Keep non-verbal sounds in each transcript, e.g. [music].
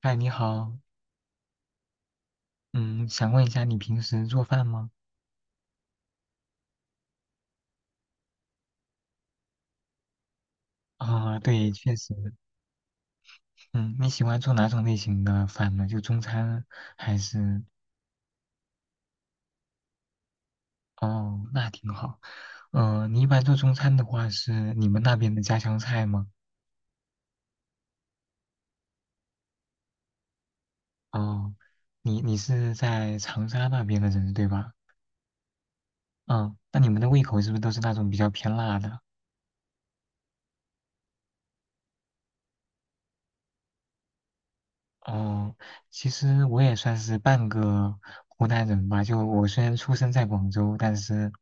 嗨，你好。嗯，想问一下你平时做饭吗？啊、对，确实。嗯，你喜欢做哪种类型的饭呢？就中餐还是？哦，那挺好。嗯、你一般做中餐的话，是你们那边的家乡菜吗？哦，你是在长沙那边的人对吧？嗯，那你们的胃口是不是都是那种比较偏辣的？哦，其实我也算是半个湖南人吧。就我虽然出生在广州，但是，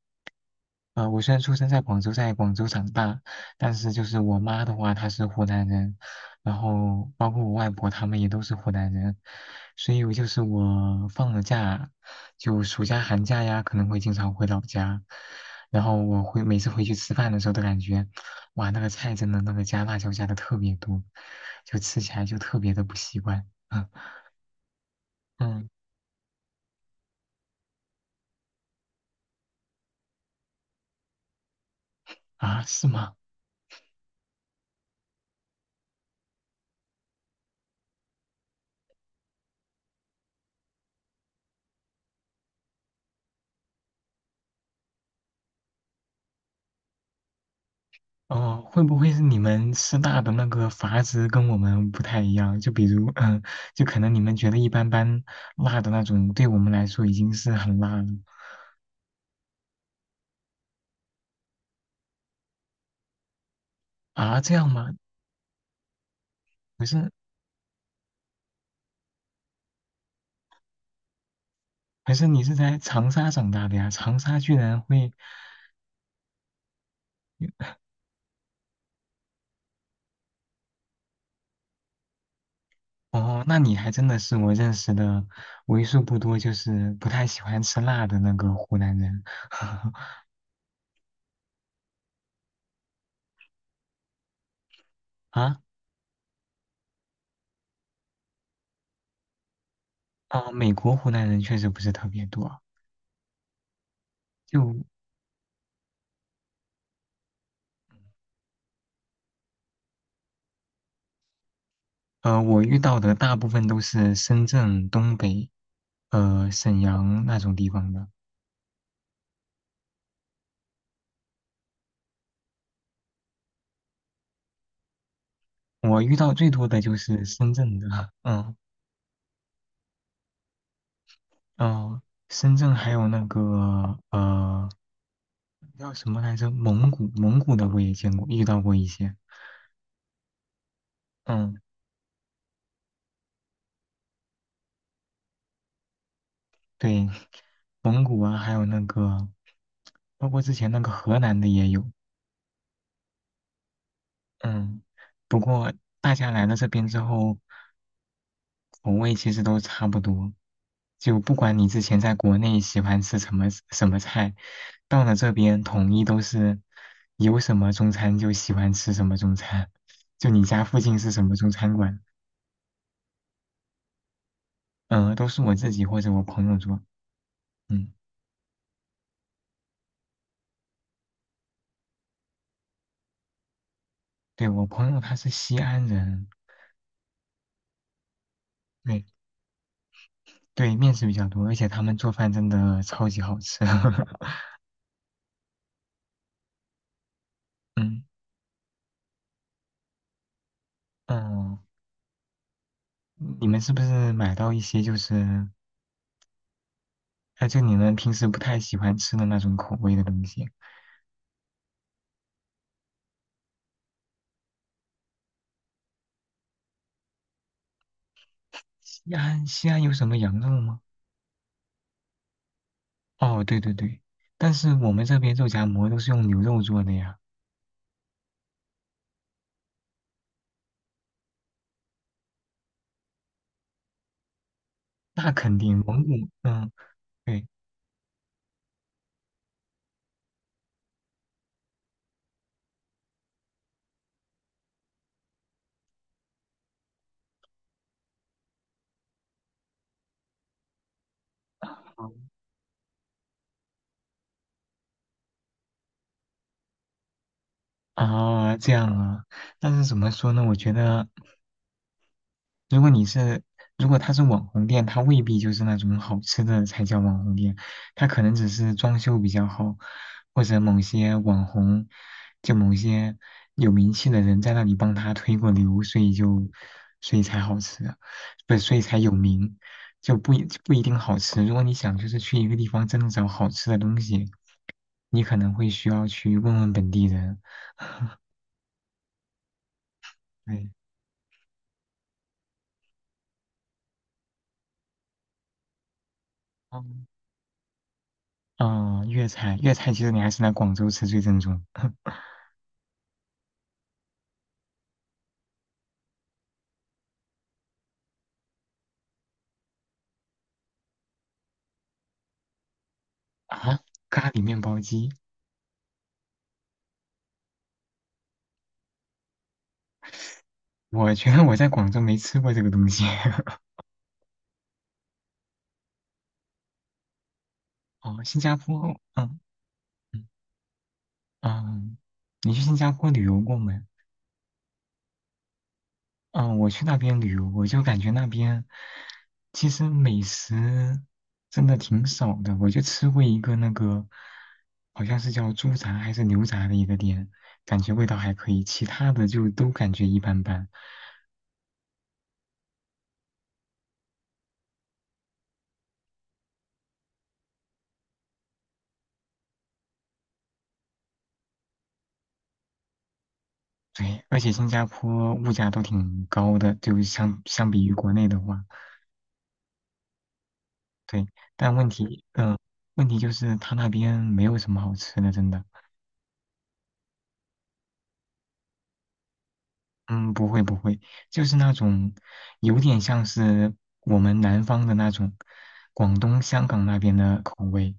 我虽然出生在广州，在广州长大，但是就是我妈的话，她是湖南人，然后包括我外婆他们也都是湖南人，所以我就是我放了假，就暑假、寒假呀，可能会经常回老家，然后我会每次回去吃饭的时候都感觉，哇，那个菜真的那个加辣椒加的特别多，就吃起来就特别的不习惯。嗯。啊，是吗？哦，会不会是你们师大的那个阀值跟我们不太一样？就比如，嗯，就可能你们觉得一般般辣的那种，对我们来说已经是很辣了。啊？这样吗？可是可是你是在长沙长大的呀，长沙居然会，哦，那你还真的是我认识的为数不多就是不太喜欢吃辣的那个湖南人。 [laughs] 啊啊！美国湖南人确实不是特别多。就我遇到的大部分都是深圳、东北、沈阳那种地方的。我遇到最多的就是深圳的，[laughs] 嗯。哦、深圳还有那个叫什么来着？蒙古，蒙古的我也见过，遇到过一些。嗯，对，蒙古啊，还有那个，包括之前那个河南的也有。嗯，不过大家来了这边之后，口味其实都差不多，就不管你之前在国内喜欢吃什么什么菜，到了这边统一都是有什么中餐就喜欢吃什么中餐，就你家附近是什么中餐馆。都是我自己或者我朋友做。嗯，对，我朋友他是西安人。对对，面食比较多，而且他们做饭真的超级好吃。[laughs] 嗯。嗯，你们是不是买到一些就是，哎，就你们平时不太喜欢吃的那种口味的东西啊。西安，西安有什么羊肉吗？哦，对对对，但是我们这边肉夹馍都是用牛肉做的呀。那肯定蒙古，嗯，对。啊，这样啊，但是怎么说呢？我觉得如果你是，如果它是网红店，它未必就是那种好吃的才叫网红店，它可能只是装修比较好，或者某些网红，就某些有名气的人在那里帮他推过流，所以就，所以才好吃啊，不，所以才有名，就不一定好吃。如果你想就是去一个地方真的找好吃的东西，你可能会需要去问问本地人，对。嗯，哦，粤菜，粤菜其实你还是来广州吃最正宗。[laughs] 啊，咖喱面包机，我觉得我在广州没吃过这个东西。[laughs] 哦，新加坡。嗯。嗯。嗯，你去新加坡旅游过没？嗯，我去那边旅游，我就感觉那边其实美食真的挺少的。我就吃过一个那个，好像是叫猪杂还是牛杂的一个店，感觉味道还可以，其他的就都感觉一般般。对，而且新加坡物价都挺高的，就相比于国内的话。对，但问题，问题就是他那边没有什么好吃的，真的。嗯，不会不会，就是那种有点像是我们南方的那种广东、香港那边的口味，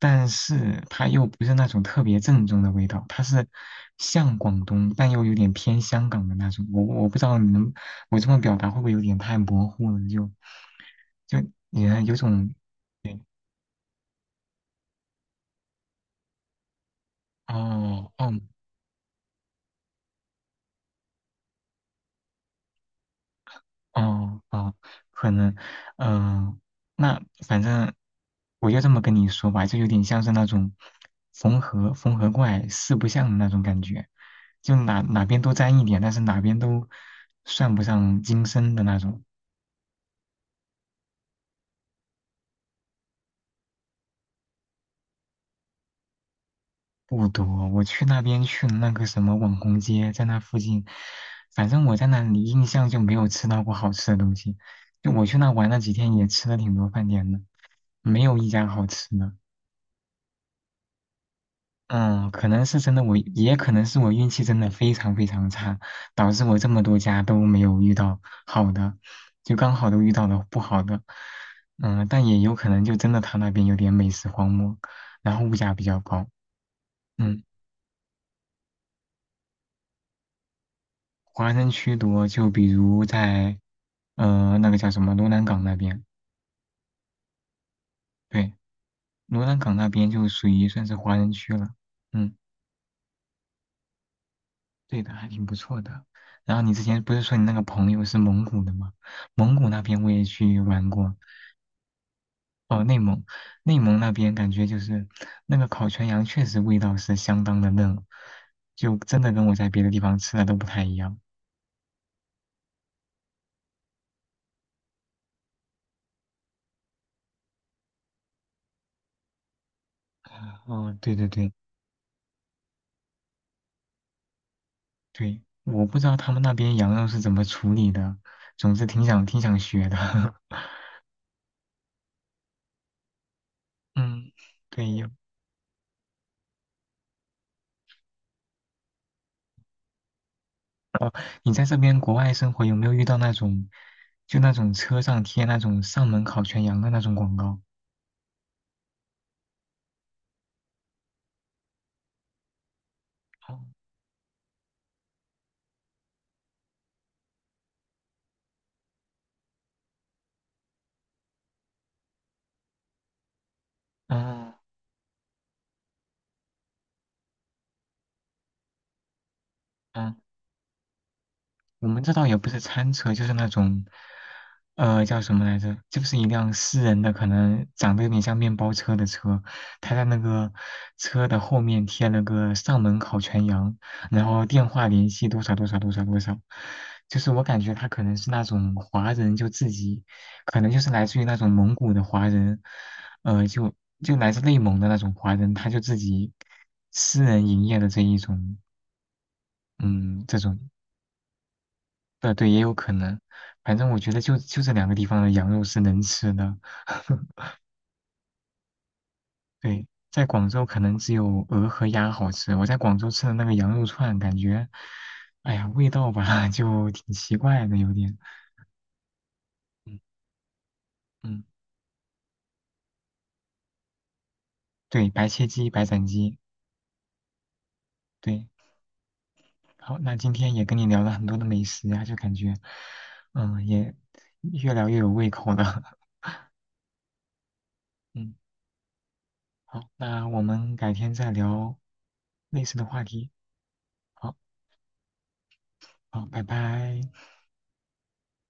但是它又不是那种特别正宗的味道，它是像广东但又有点偏香港的那种。我不知道你能，我这么表达会不会有点太模糊了？就就也有种哦哦。哦，哦，可能，嗯、那反正我就这么跟你说吧，就有点像是那种缝合怪四不像的那种感觉，就哪边都沾一点，但是哪边都算不上精深的那种。不多，我去那边去了那个什么网红街，在那附近，反正我在那里印象就没有吃到过好吃的东西。就我去那玩了几天，也吃了挺多饭店的，没有一家好吃的。嗯，可能是真的我，也可能是我运气真的非常非常差，导致我这么多家都没有遇到好的，就刚好都遇到了不好的。嗯，但也有可能就真的他那边有点美食荒漠，然后物价比较高。嗯，华人区多，就比如在那个叫什么罗南港那边。对，罗南港那边就属于算是华人区了。嗯。对的，还挺不错的。然后你之前不是说你那个朋友是蒙古的吗？蒙古那边我也去玩过。哦，内蒙，内蒙那边感觉就是那个烤全羊确实味道是相当的嫩，就真的跟我在别的地方吃的都不太一样。哦，对对对对，我不知道他们那边羊肉是怎么处理的，总之挺想学的。[laughs] 嗯，对，有。你在这边国外生活有没有遇到那种，就那种车上贴那种上门烤全羊的那种广告？嗯。嗯，呃我们这倒也不是餐车，就是那种，叫什么来着？就是一辆私人的，可能长得有点像面包车的车，他在那个车的后面贴了个上门烤全羊，然后电话联系多少多少多少多少，就是我感觉他可能是那种华人，就自己可能就是来自于那种蒙古的华人，呃，就就来自内蒙的那种华人，他就自己私人营业的这一种，嗯，这种。对，也有可能。反正我觉得就这两个地方的羊肉是能吃的。[laughs] 对，在广州可能只有鹅和鸭好吃。我在广州吃的那个羊肉串，感觉，哎呀，味道吧 [laughs] 就挺奇怪的，有点。嗯。嗯，对，白切鸡、白斩鸡，对。好，那今天也跟你聊了很多的美食啊，就感觉，嗯，也越聊越有胃口了。[laughs] 嗯，好，那我们改天再聊类似的话题。好，好，拜拜。